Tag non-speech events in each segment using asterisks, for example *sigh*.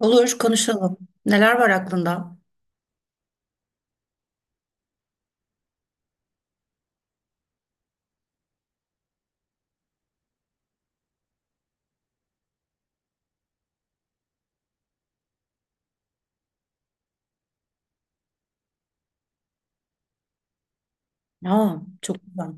Olur konuşalım. Neler var aklında? Aa, çok güzel.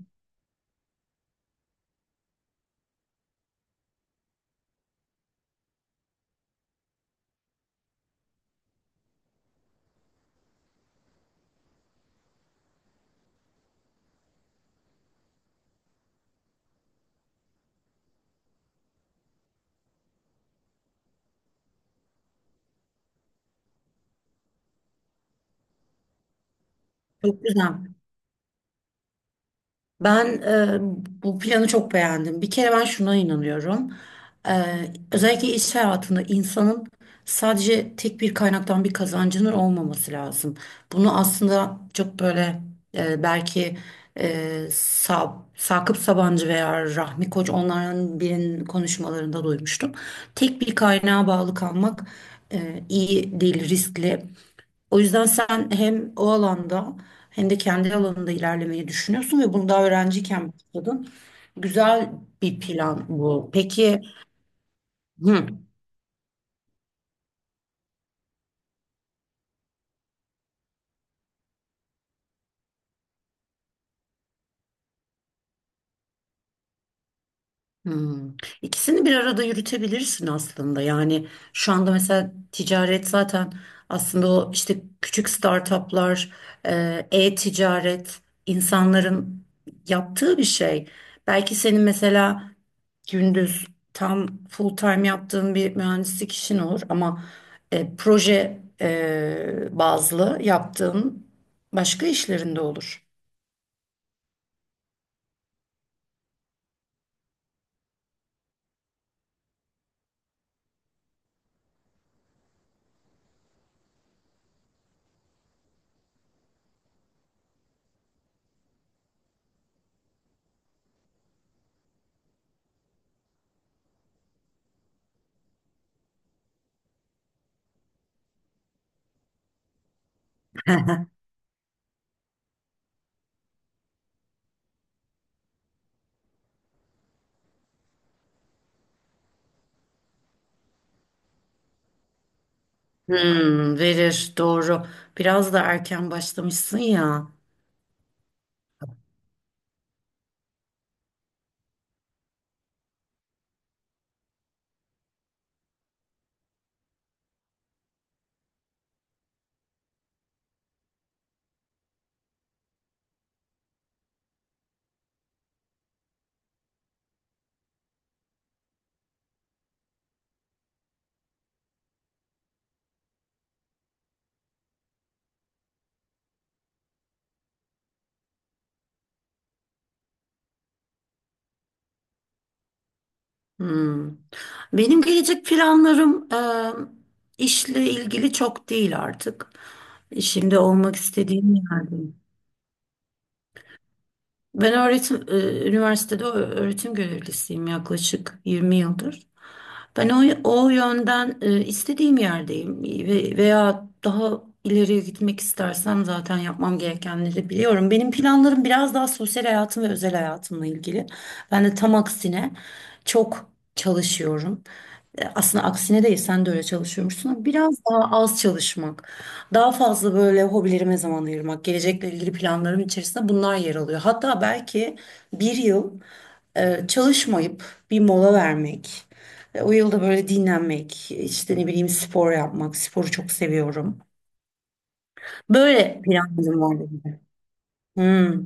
Çok güzel. Ben e, bu planı çok beğendim. Bir kere ben şuna inanıyorum. E, Özellikle iş hayatında insanın sadece tek bir kaynaktan bir kazancının olmaması lazım. Bunu aslında çok böyle belki e, Sakıp Sabancı veya Rahmi Koç, onların birinin konuşmalarında duymuştum. Tek bir kaynağa bağlı kalmak iyi değil, riskli. O yüzden sen hem o alanda hem de kendi alanında ilerlemeyi düşünüyorsun ve bunu daha öğrenciyken başladın. Güzel bir plan bu. Peki. Hı. Hmm. İkisini bir arada yürütebilirsin aslında. Yani şu anda mesela ticaret zaten aslında o işte küçük startuplar, e-ticaret insanların yaptığı bir şey. Belki senin mesela gündüz tam full time yaptığın bir mühendislik işin olur, ama proje bazlı yaptığın başka işlerinde olur. Hmm, verir doğru. Biraz da erken başlamışsın ya. Hmm. Benim gelecek planlarım işle ilgili çok değil artık. Şimdi olmak istediğim yerdeyim. Ben üniversitede öğretim görevlisiyim yaklaşık 20 yıldır. Ben o yönden istediğim yerdeyim, veya daha ileriye gitmek istersem zaten yapmam gerekenleri biliyorum. Benim planlarım biraz daha sosyal hayatım ve özel hayatımla ilgili. Ben de tam aksine çok çalışıyorum. Aslında aksine değil, sen de öyle çalışıyormuşsun, ama biraz daha az çalışmak, daha fazla böyle hobilerime zaman ayırmak, gelecekle ilgili planlarım içerisinde bunlar yer alıyor. Hatta belki bir yıl çalışmayıp bir mola vermek. Ve o yılda böyle dinlenmek, işte ne bileyim spor yapmak, sporu çok seviyorum. Böyle planlarım vardı gibi. Hmm.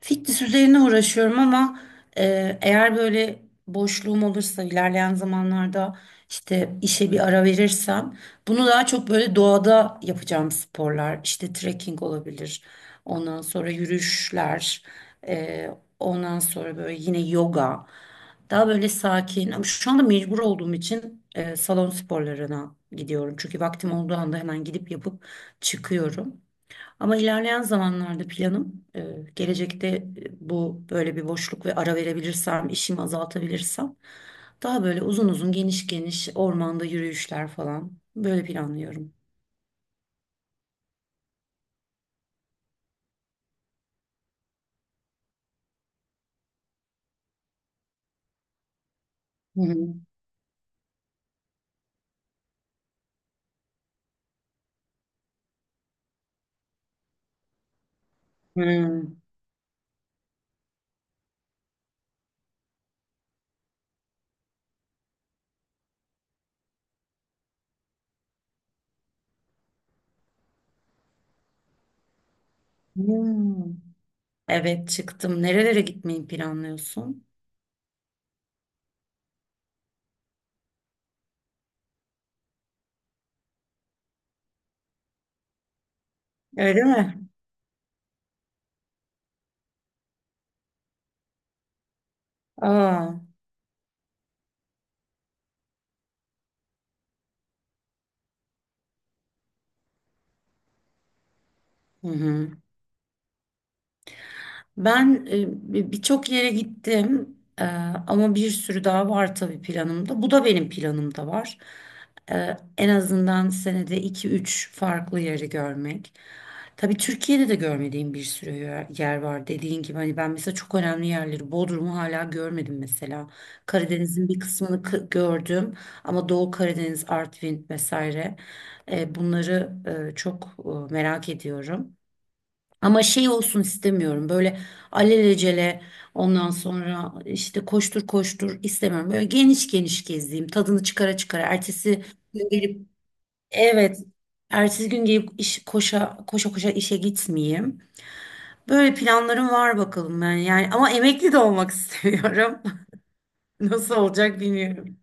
Fitness üzerine uğraşıyorum, ama eğer böyle boşluğum olursa ilerleyen zamanlarda, işte işe bir ara verirsem, bunu daha çok böyle doğada yapacağım sporlar, işte trekking olabilir, ondan sonra yürüyüşler, e, ondan sonra böyle yine yoga, daha böyle sakin. Ama şu anda mecbur olduğum için salon sporlarına gidiyorum, çünkü vaktim olduğu anda hemen gidip yapıp çıkıyorum. Ama ilerleyen zamanlarda planım gelecekte bu böyle bir boşluk ve ara verebilirsem, işimi azaltabilirsem, daha böyle uzun uzun geniş geniş ormanda yürüyüşler falan, böyle planlıyorum. Hı hı. Hmm. Evet, çıktım. Nerelere gitmeyi planlıyorsun? Öyle mi? Aa, hı hı. Ben birçok yere gittim, ama bir sürü daha var tabii planımda. Bu da benim planımda var. En azından senede iki üç farklı yeri görmek. Tabii Türkiye'de de görmediğim bir sürü yer var. Dediğin gibi, hani ben mesela çok önemli yerleri, Bodrum'u hala görmedim mesela. Karadeniz'in bir kısmını gördüm, ama Doğu Karadeniz, Artvin vesaire, bunları çok merak ediyorum. Ama şey olsun istemiyorum. Böyle alelacele, ondan sonra işte koştur koştur istemiyorum. Böyle geniş geniş gezeyim. Tadını çıkara çıkara. Ertesi gün gelip, evet. Ertesi gün gelip koşa koşa koşa işe gitmeyeyim. Böyle planlarım var bakalım ben yani. Ama emekli de olmak *laughs* istiyorum. Nasıl olacak bilmiyorum.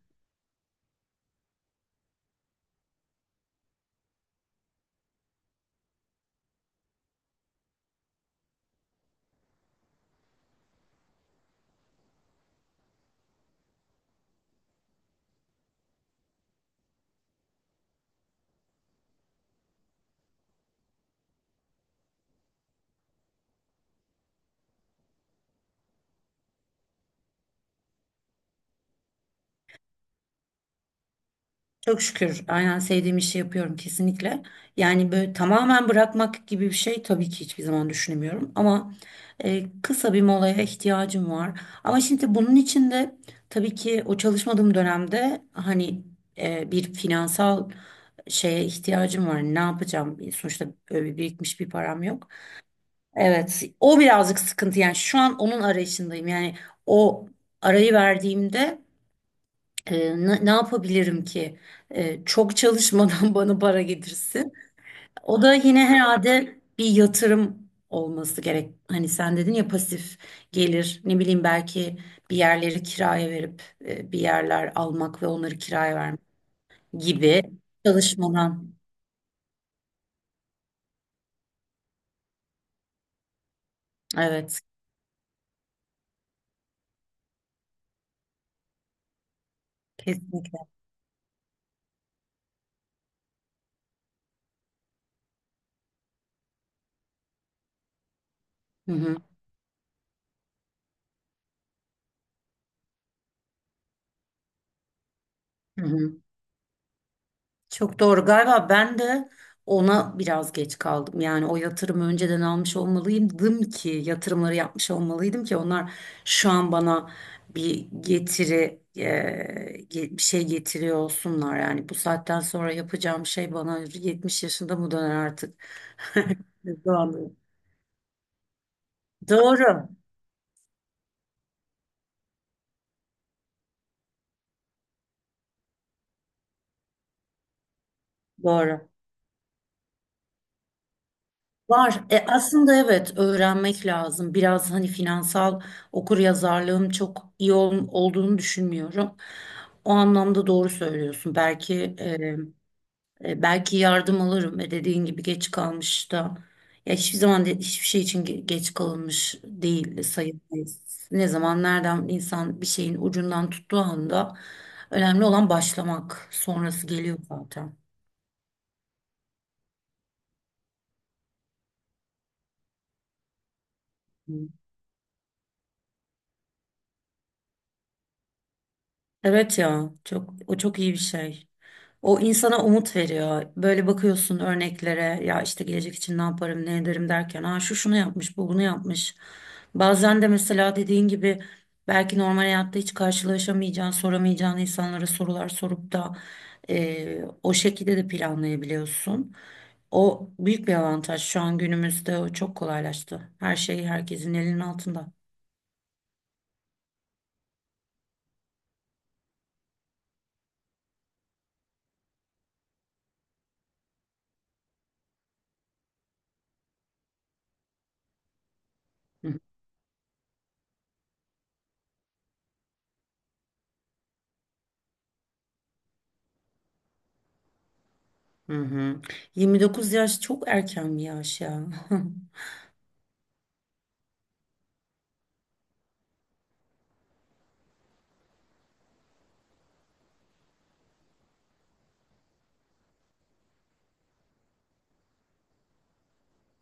Çok şükür, aynen, sevdiğim işi yapıyorum kesinlikle. Yani böyle tamamen bırakmak gibi bir şey tabii ki hiçbir zaman düşünemiyorum. Ama kısa bir molaya ihtiyacım var. Ama şimdi bunun için de tabii ki o çalışmadığım dönemde hani bir finansal şeye ihtiyacım var. Ne yapacağım? Sonuçta öyle birikmiş bir param yok. Evet, o birazcık sıkıntı. Yani şu an onun arayışındayım. Yani o arayı verdiğimde ne yapabilirim ki? Çok çalışmadan *laughs* bana para getirsin. O da yine herhalde bir yatırım olması gerek. Hani sen dedin ya, pasif gelir. Ne bileyim, belki bir yerleri kiraya verip bir yerler almak ve onları kiraya vermek gibi, çalışmadan. Evet, kesinlikle. Hı hı. Hı hı. Çok doğru. Galiba ben de ona biraz geç kaldım. Yani o yatırımı önceden almış olmalıydım, ki yatırımları yapmış olmalıydım ki onlar şu an bana bir getiri bir şey getiriyor olsunlar. Yani bu saatten sonra yapacağım şey bana 70 yaşında mı döner artık? *laughs* Doğru. Doğru. Doğru. Var. Aslında evet, öğrenmek lazım. Biraz hani finansal okuryazarlığım çok iyi olduğunu düşünmüyorum. O anlamda doğru söylüyorsun. Belki belki yardım alırım. Ve dediğin gibi geç kalmış da, ya hiçbir zaman, hiçbir şey için geç kalınmış değil sayılmayız. Ne zaman nereden insan bir şeyin ucundan tuttuğu anda, önemli olan başlamak. Sonrası geliyor zaten. Hı. Evet ya, çok, o çok iyi bir şey. O insana umut veriyor. Böyle bakıyorsun örneklere, ya işte gelecek için ne yaparım ne ederim derken, ha şu şunu yapmış, bu bunu yapmış. Bazen de mesela dediğin gibi, belki normal hayatta hiç karşılaşamayacağın, soramayacağın insanlara sorular sorup da o şekilde de planlayabiliyorsun. O büyük bir avantaj, şu an günümüzde o çok kolaylaştı. Her şey herkesin elinin altında. Hı hı. 29 yaş çok erken bir yaş ya. *laughs*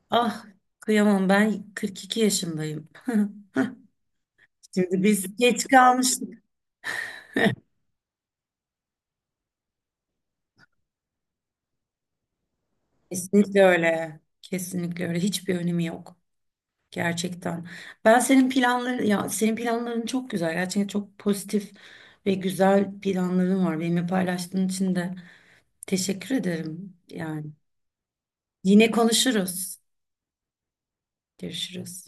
Ah, kıyamam, ben 42 yaşındayım. Şimdi biz geç kalmıştık. Kesinlikle öyle. Kesinlikle öyle. Hiçbir önemi yok. Gerçekten. Ben senin planların çok güzel. Gerçekten çok pozitif ve güzel planların var. Benimle paylaştığın için de teşekkür ederim. Yani yine konuşuruz. Görüşürüz.